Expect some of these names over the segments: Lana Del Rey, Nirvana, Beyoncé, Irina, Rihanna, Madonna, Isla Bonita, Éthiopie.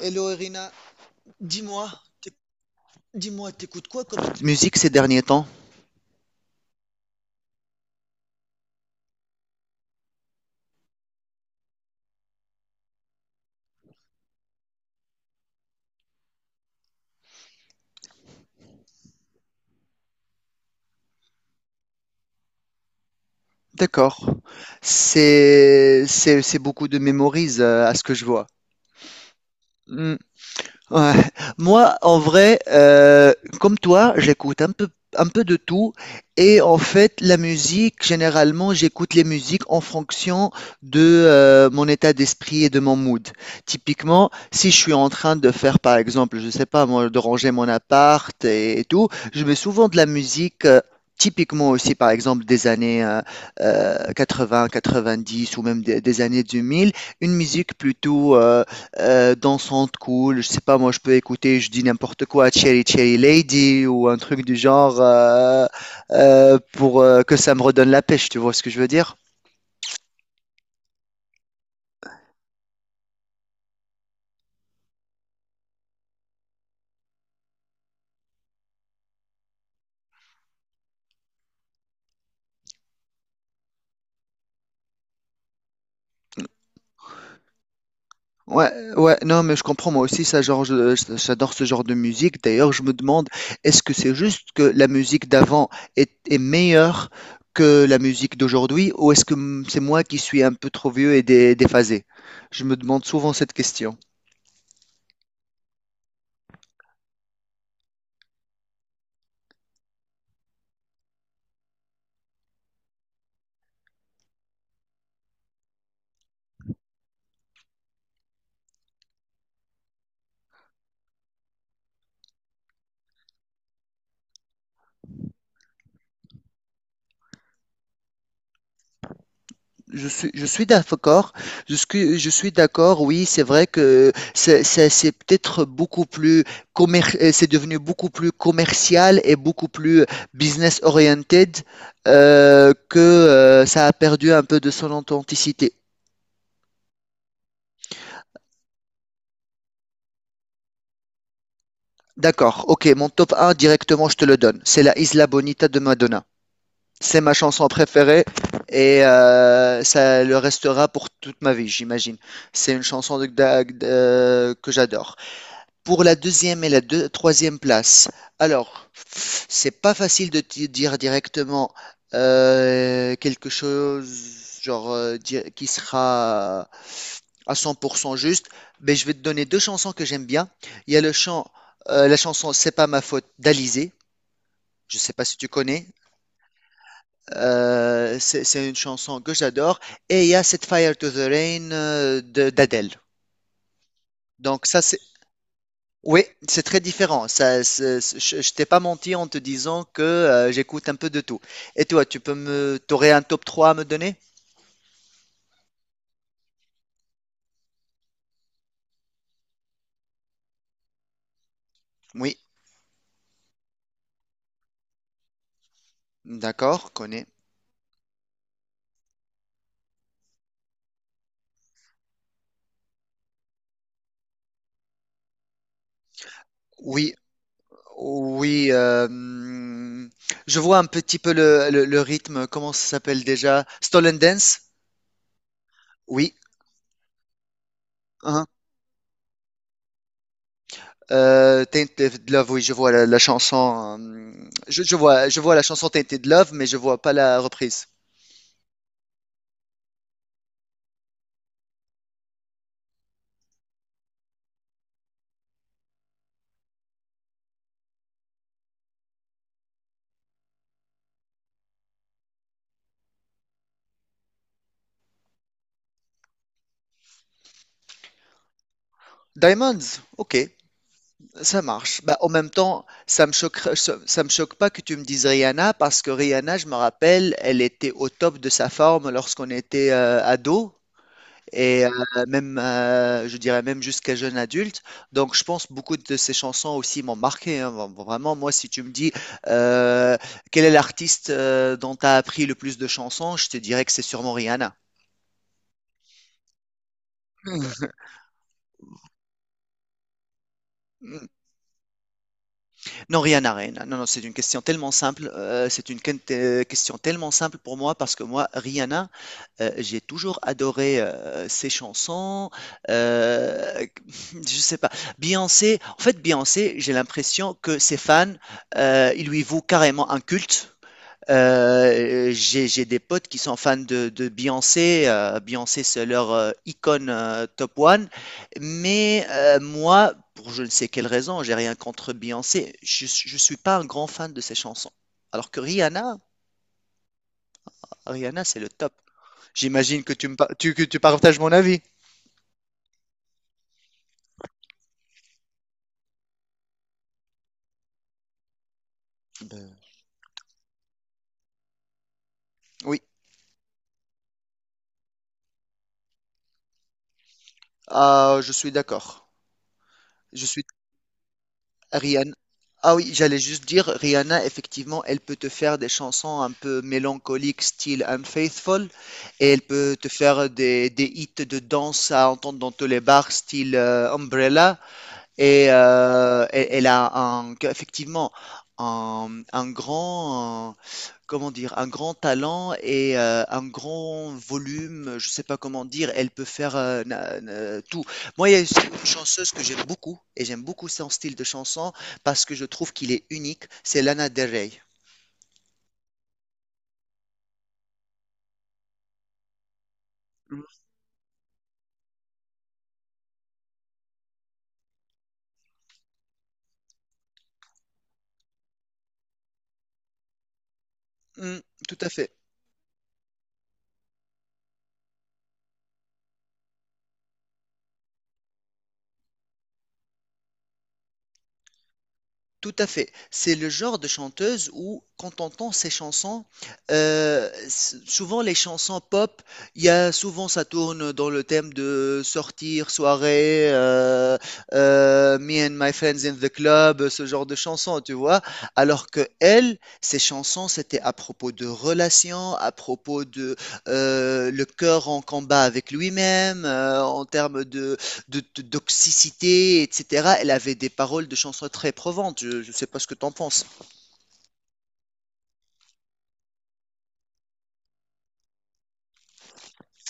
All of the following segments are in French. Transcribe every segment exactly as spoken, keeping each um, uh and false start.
Hello Irina, dis-moi, t'éc- dis-moi, t'écoutes quoi comme musique ces derniers temps? D'accord. C'est c'est c'est beaucoup de mémorise euh, à ce que je vois. Hmm. Ouais. Moi, en vrai, euh, comme toi, j'écoute un peu, un peu de tout. Et en fait, la musique, généralement, j'écoute les musiques en fonction de euh, mon état d'esprit et de mon mood. Typiquement, si je suis en train de faire, par exemple, je sais pas, moi, de ranger mon appart et, et tout, je mets souvent de la musique. euh, Typiquement aussi, par exemple, des années euh, euh, quatre-vingts, quatre-vingt-dix ou même des, des années deux mille, une musique plutôt euh, euh, dansante, cool. Je sais pas, moi, je peux écouter, je dis n'importe quoi, Cherry Cherry Lady ou un truc du genre euh, euh, pour euh, que ça me redonne la pêche, tu vois ce que je veux dire? Ouais, ouais, non, mais je comprends, moi aussi, ça, genre, je- je- j'adore ce genre de musique. D'ailleurs, je me demande, est-ce que c'est juste que la musique d'avant est, est meilleure que la musique d'aujourd'hui ou est-ce que mm, c'est moi qui suis un peu trop vieux et dé- déphasé? Je me demande souvent cette question. Je suis, je suis d'accord. Je suis, je suis d'accord. Oui, c'est vrai que c'est c'est- c'est peut-être beaucoup plus. Commer- euh, c'est devenu beaucoup plus commercial et beaucoup plus business oriented, euh, que euh, ça a perdu un peu de son authenticité. D'accord. Ok, mon top un directement, je te le donne. C'est la Isla Bonita de Madonna. C'est ma chanson préférée et euh, ça le restera pour toute ma vie, j'imagine. C'est une chanson de, de- de- que j'adore. Pour la deuxième et la deux- troisième place. Alors, c'est pas facile de dire directement euh, quelque chose genre euh, di- qui sera à cent pour cent juste, mais je vais te donner deux chansons que j'aime bien. Il y a le chant, euh, la chanson C'est pas ma faute d'Alizé. Je sais pas si tu connais. Euh, c'est c'est une chanson que j'adore. Et il y a Set Fire to the Rain euh, de d'Adèle. Donc ça, c'est Oui, c'est très différent. Ça, c'est- c'est- je, je t'ai pas menti en te disant que euh, j'écoute un peu de tout. Et toi, tu peux me, t'aurais un top trois à me donner? Oui, d'accord, connais. Oui, oui. Euh, hmm, je vois un petit peu le, le- le rythme. Comment ça s'appelle déjà? Stolen Dance? Oui. Hein. Euh, Tainted Love, oui, je vois la, la chanson. euh, Je, je vois, je vois la chanson Tainted Love, mais je vois pas la reprise. Diamonds, ok. Ça marche. Bah, en même temps, ça me choquerait, ça, ça me choque pas que tu me dises Rihanna parce que Rihanna, je me rappelle, elle était au top de sa forme lorsqu'on était euh, ado et euh, même, euh, je dirais même jusqu'à jeune adulte. Donc, je pense beaucoup de ses chansons aussi m'ont marqué. Hein. Vra- Vraiment, moi, si tu me dis euh, quel est l'artiste euh, dont tu as appris le plus de chansons, je te dirais que c'est sûrement Rihanna. Non, rien à rien. Non, non, c'est une question tellement simple. euh, c'est une quen- euh, question tellement simple pour moi parce que moi, Rihanna, euh, j'ai toujours adoré euh, ses chansons. Euh, je sais pas. Beyoncé, en fait, Beyoncé, j'ai l'impression que ses fans, euh, ils lui vouent carrément un culte. Euh, j'ai j'ai des potes qui sont fans de, de Beyoncé. euh, Beyoncé, c'est leur euh, icône euh, top one. Mais euh, moi, pour je ne sais quelle raison, j'ai rien contre Beyoncé. Je, je suis pas un grand fan de ses chansons. Alors que Rihanna, Rihanna, c'est le top. J'imagine que tu me, par- tu, que tu partages mon avis. Ben, oui, ah, je suis d'accord. Je suis Rihanna. Ah oui, j'allais juste dire, Rihanna, effectivement, elle peut te faire des chansons un peu mélancoliques, style Unfaithful, et elle peut te faire des, des hits de danse à entendre dans tous les bars, style euh, Umbrella, et euh, elle, elle a un, effectivement un, un grand, comment dire, un grand talent et euh, un grand volume, je sais pas comment dire, elle peut faire euh, na- na- tout. Moi, il y a une une chanteuse que j'aime beaucoup et j'aime beaucoup son style de chanson parce que je trouve qu'il est unique, c'est Lana Del Rey. Mm, mm, tout à fait. Tout à fait. C'est le genre de chanteuse où, quand on entend ses chansons, euh, s- souvent les chansons pop, il y a souvent ça tourne dans le thème de sortir, soirée, euh, euh, me and my friends in the club, ce genre de chansons, tu vois. Alors que elle, ses chansons, c'était à propos de relations, à propos de euh, le cœur en combat avec lui-même, euh, en termes de de, de- toxicité, et cetera. Elle avait des paroles de chansons très provantes. Je ne sais pas ce que tu en penses.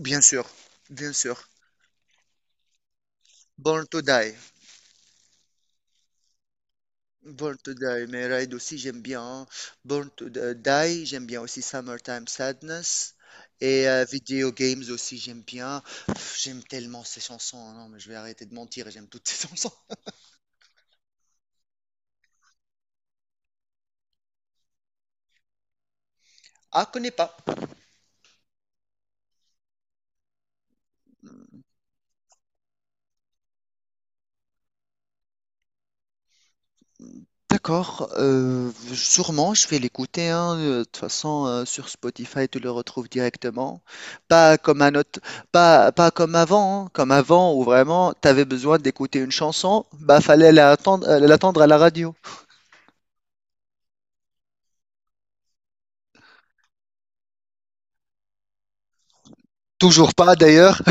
Bien sûr, bien sûr. Born to Die. Born to Die. Mais Ride aussi, j'aime bien. Hein. Born to Die, j'aime bien aussi Summertime Sadness. Et euh, Video Games aussi, j'aime bien. Pff, j'aime tellement ces chansons. Hein. Non, mais je vais arrêter de mentir. J'aime toutes ces chansons. Ah, connais pas. D'accord, euh, sûrement je vais l'écouter, hein, euh, de toute façon euh, sur Spotify tu le retrouves directement, pas comme un autre, pas, pas comme avant, hein, comme avant où vraiment tu avais besoin d'écouter une chanson, bah fallait l'attendre, euh, l'attendre à la radio. Toujours pas d'ailleurs.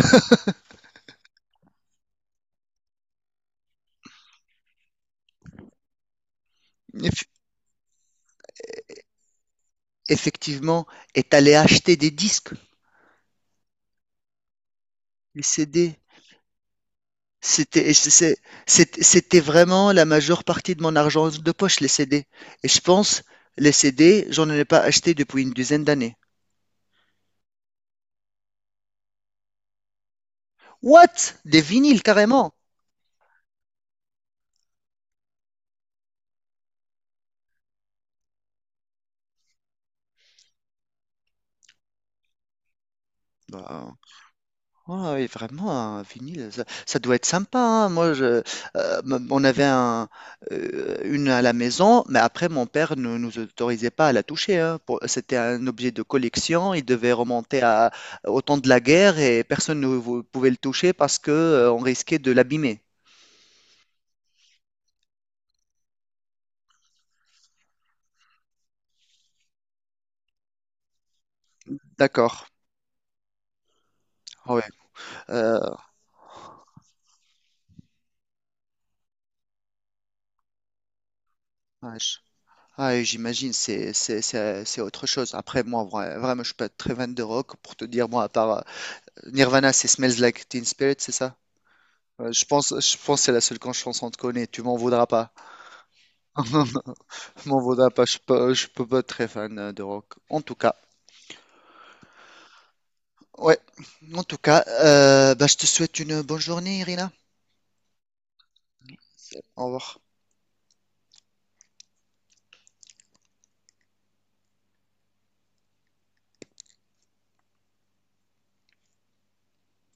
Eff- Effectivement, et t'allais acheter des disques, des C D. C'était, et c'est- c'est- c'est- c'était vraiment la majeure partie de mon argent de poche, les C D. Et je pense, les C D, j'en ai pas acheté depuis une dizaine d'années. What? Des vinyles carrément. Bah, ouais, ouais, vraiment, un vinyle, ça, ça doit être sympa. Hein. Moi, je, euh, m- on avait un, euh, une à la maison, mais après, mon père ne nous autorisait pas à la toucher. Hein. Pour- C'était un objet de collection. Il devait remonter à, au temps de la guerre et personne ne vou- pouvait le toucher parce que, euh, on risquait de l'abîmer. D'accord. Ouais. Euh, ouais, je- ah, et j'imagine, c'est c'est- c'est- c'est autre chose. Après, moi, vra- vraiment, je suis pas très fan de rock pour te dire, moi, à part Nirvana, c'est Smells Like Teen Spirit, c'est ça? Euh, Je pense, je pense que c'est la seule con- chanson que je connais. Tu m'en voudras pas. Tu m'en voudras pas. Je peux, je peux pas être très fan euh, de rock. En tout cas, ouais. En tout cas, euh, bah, je te souhaite une bonne journée, Irina. Au revoir.